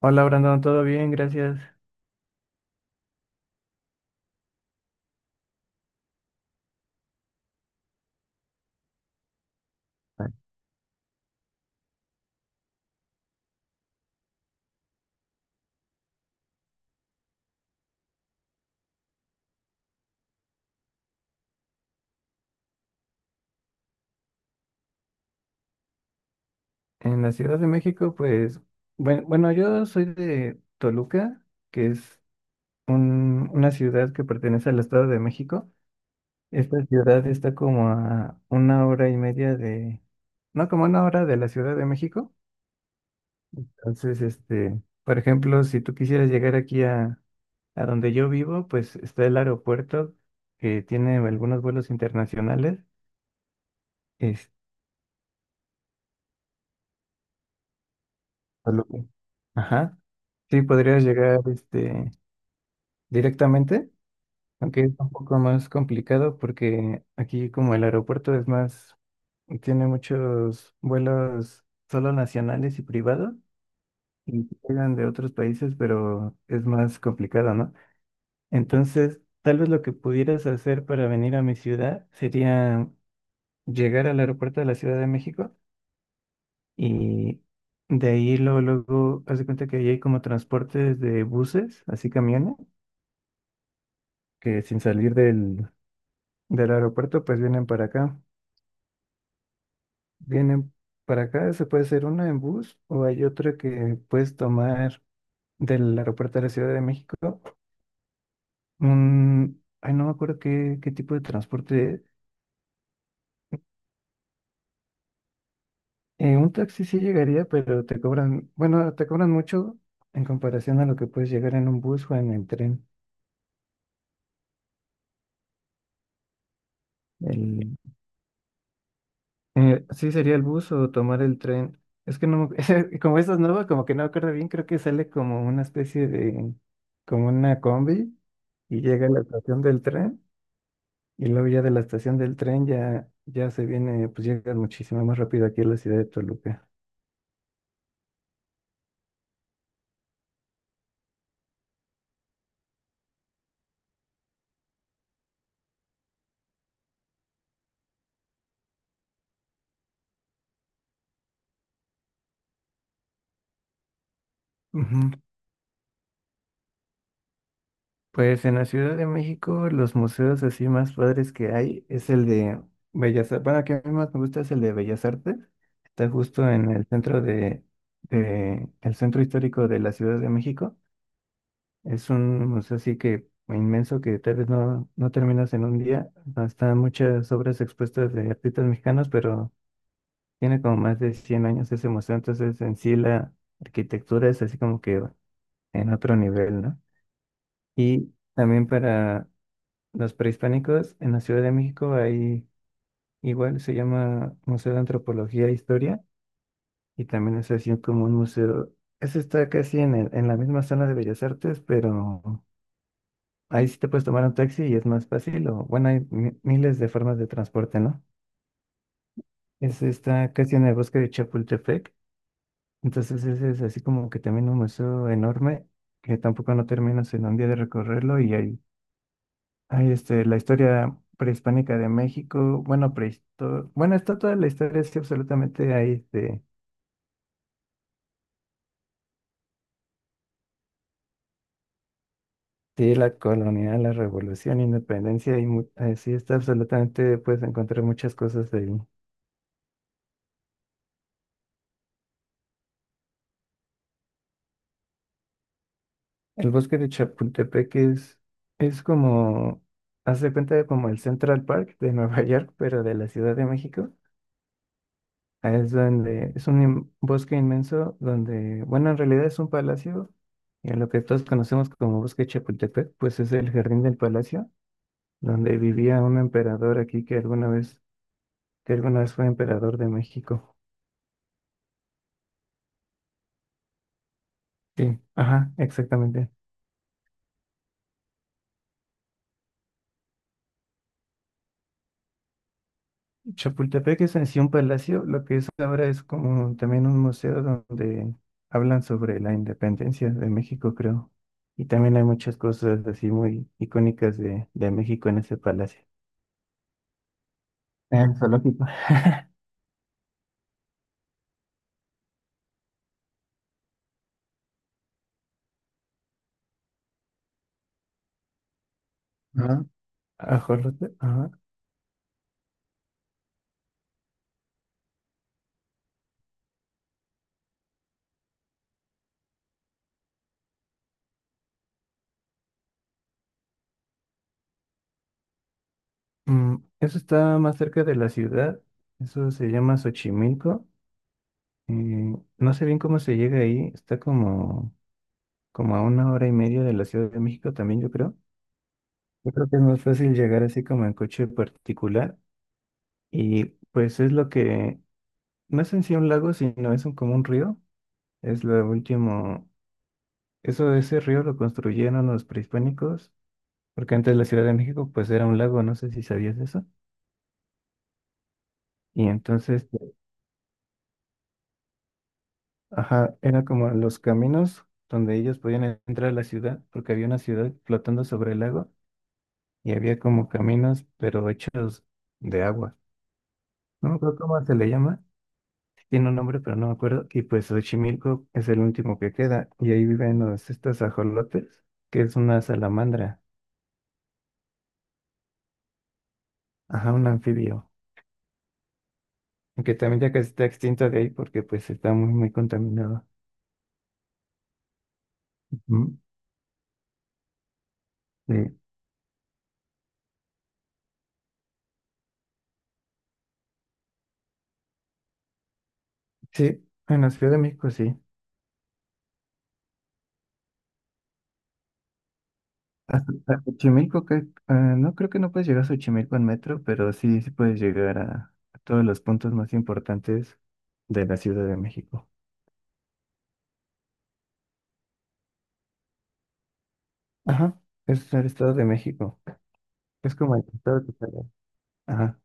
Hola Brandon, todo bien, gracias. En la Ciudad de México, pues, bueno, yo soy de Toluca, que es una ciudad que pertenece al Estado de México. Esta ciudad está como a una hora y media de, no, como una hora de la Ciudad de México. Entonces, este, por ejemplo, si tú quisieras llegar aquí a donde yo vivo, pues está el aeropuerto que tiene algunos vuelos internacionales. a lo que- Ajá. Sí, podrías llegar este, directamente, aunque es un poco más complicado porque aquí como el aeropuerto es más, tiene muchos vuelos solo nacionales y privados y llegan de otros países, pero es más complicado, ¿no? Entonces, tal vez lo que pudieras hacer para venir a mi ciudad sería llegar al aeropuerto de la Ciudad de México. Y de ahí, luego, luego, haz de cuenta que ahí hay como transportes de buses, así camiones, que sin salir del aeropuerto, pues vienen para acá. Vienen para acá, se puede hacer una en bus o hay otra que puedes tomar del aeropuerto de la Ciudad de México. Un, ay, no me acuerdo qué, qué tipo de transporte es. Un taxi sí llegaría, pero te cobran, bueno, te cobran mucho en comparación a lo que puedes llegar en un bus o en el tren. El, sí, sería el bus o tomar el tren. Es que no, me- como esta es nueva, como que no me acuerdo bien, creo que sale como una especie de, como una combi y llega a la estación del tren y luego ya de la estación del tren ya, ya se viene, pues llega muchísimo más rápido aquí a la ciudad de Toluca. Ujú. Pues en la Ciudad de México los museos así más padres que hay es el de Bellas Artes, bueno, que a mí más me gusta es el de Bellas Artes, está justo en el centro de el centro histórico de la Ciudad de México. Es un museo así que inmenso que tal vez no, no terminas en un día. Están muchas obras expuestas de artistas mexicanos, pero tiene como más de 100 años ese museo, entonces en sí la arquitectura es así como que en otro nivel, ¿no? Y también para los prehispánicos, en la Ciudad de México hay igual, se llama Museo de Antropología e Historia, y también es así como un museo. Ese está casi en la misma zona de Bellas Artes, pero ahí sí te puedes tomar un taxi y es más fácil, o bueno, hay miles de formas de transporte, ¿no? Es, está casi en el bosque de Chapultepec, entonces ese es así como que también un museo enorme, que tampoco no terminas en un día de recorrerlo, y hay este, la historia prehispánica de México, bueno, bueno, está toda la historia, es que absolutamente ahí, este, sí, la colonia, la revolución, independencia, y sí, está absolutamente, puedes encontrar muchas cosas ahí. El bosque de Chapultepec es como, haz de cuenta de como el Central Park de Nueva York, pero de la Ciudad de México. Ahí es donde, es un bosque inmenso donde, bueno, en realidad es un palacio, y lo que todos conocemos como bosque de Chapultepec, pues es el jardín del palacio, donde vivía un emperador aquí que alguna vez fue emperador de México. Sí, ajá, exactamente. Chapultepec es en sí un palacio, lo que es ahora es como también un museo donde hablan sobre la independencia de México, creo. Y también hay muchas cosas así muy icónicas de México en ese palacio. En zoológico. Ajá. Ajolote, ajá. Mm, eso está más cerca de la ciudad, eso se llama Xochimilco. Eh, no sé bien cómo se llega ahí, está como, como a una hora y media de la Ciudad de México también, yo creo. Yo creo que es más fácil llegar así como en coche particular. Y pues es lo que, no es en sí un lago, sino es un, como un río. Es lo último, eso, ese río lo construyeron los prehispánicos, porque antes la Ciudad de México pues era un lago, no sé si sabías eso. Y entonces, ajá, era como los caminos donde ellos podían entrar a la ciudad, porque había una ciudad flotando sobre el lago y había como caminos, pero hechos de agua. No me acuerdo cómo se le llama, tiene un nombre, pero no me acuerdo. Y pues Xochimilco es el último que queda. Y ahí viven los, estos ajolotes, que es una salamandra, ajá, un anfibio. Aunque también ya que está extinto de ahí porque pues está muy, muy contaminado. Ujú. Sí. Sí, en la Ciudad de México sí. A Xochimilco, que, ah, no creo que no puedes llegar a Xochimilco en metro, pero sí, sí puedes llegar a todos los puntos más importantes de la Ciudad de México. Ajá, es el Estado de México. Es como el Estado de Italia. Ajá.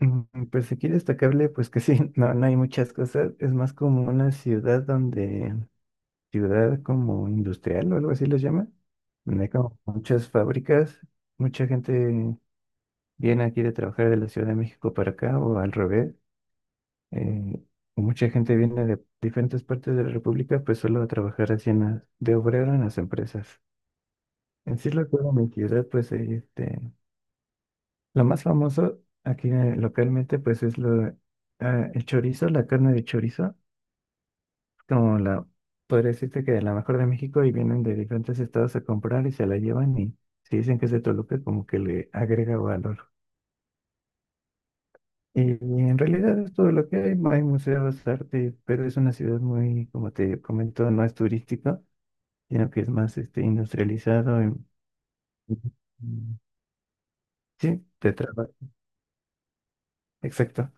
Mm, pues aquí destacable, pues que sí, no, no hay muchas cosas. Es más como una ciudad donde, ciudad como industrial o algo así les llama, donde hay como muchas fábricas, mucha gente viene aquí de trabajar de la Ciudad de México para acá o al revés. Eh, mucha gente viene de diferentes partes de la República, pues solo a trabajar así en las, de obrero en las empresas. En sí, lo que era mi ciudad, pues ahí, este, lo más famoso aquí localmente, pues es lo, ah, el chorizo, la carne de chorizo, como la, podría decirte que la mejor de México y vienen de diferentes estados a comprar y se la llevan y si dicen que es de Toluca, como que le agrega valor. Y, en realidad es todo lo que hay museos, arte, pero es una ciudad muy, como te comento, no es turística, sino que es más este, industrializado. Ujú. Sí, te traba, exacto.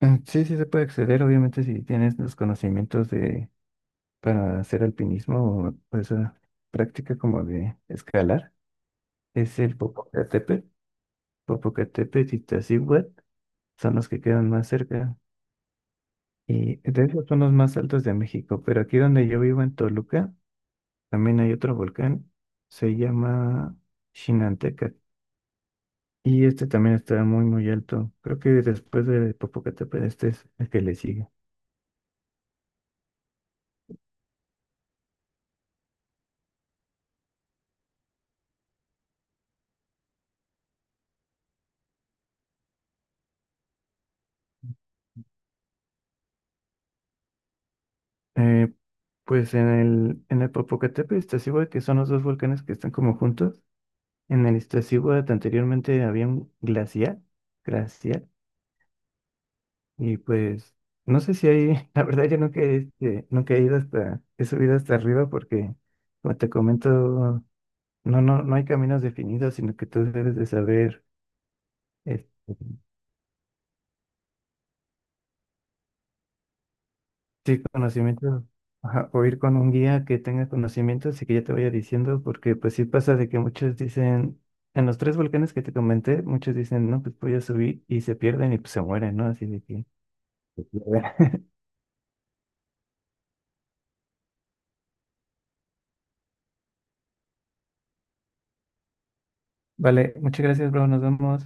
Ah, sí, sí se puede acceder, obviamente, si tienes los conocimientos de para hacer alpinismo o esa práctica como de escalar. Es el Popocatépetl, Popocatépetl y Tazíhuatl, son los que quedan más cerca. Y de hecho son los más altos de México, pero aquí donde yo vivo en Toluca, también hay otro volcán, se llama Xinanteca. Y este también está muy, muy alto. Creo que después de Popocatépetl, este es el que le sigue. Eh, pues en el Popocatépetl y Iztaccíhuatl, que son los dos volcanes que están como juntos, en el Iztaccíhuatl anteriormente había un glacial, glacial, y pues no sé si hay, la verdad yo nunca, he, este, nunca he ido hasta, he subido hasta arriba porque, como te comento, no, no, no hay caminos definidos, sino que tú debes de saber, este, sí, conocimiento, ajá, o ir con un guía que tenga conocimientos y que ya te vaya diciendo, porque pues sí pasa de que muchos dicen, en los tres volcanes que te comenté, muchos dicen, no, pues voy a subir y se pierden y pues se mueren, ¿no? Así de que... Vale, muchas gracias, bro, nos vemos.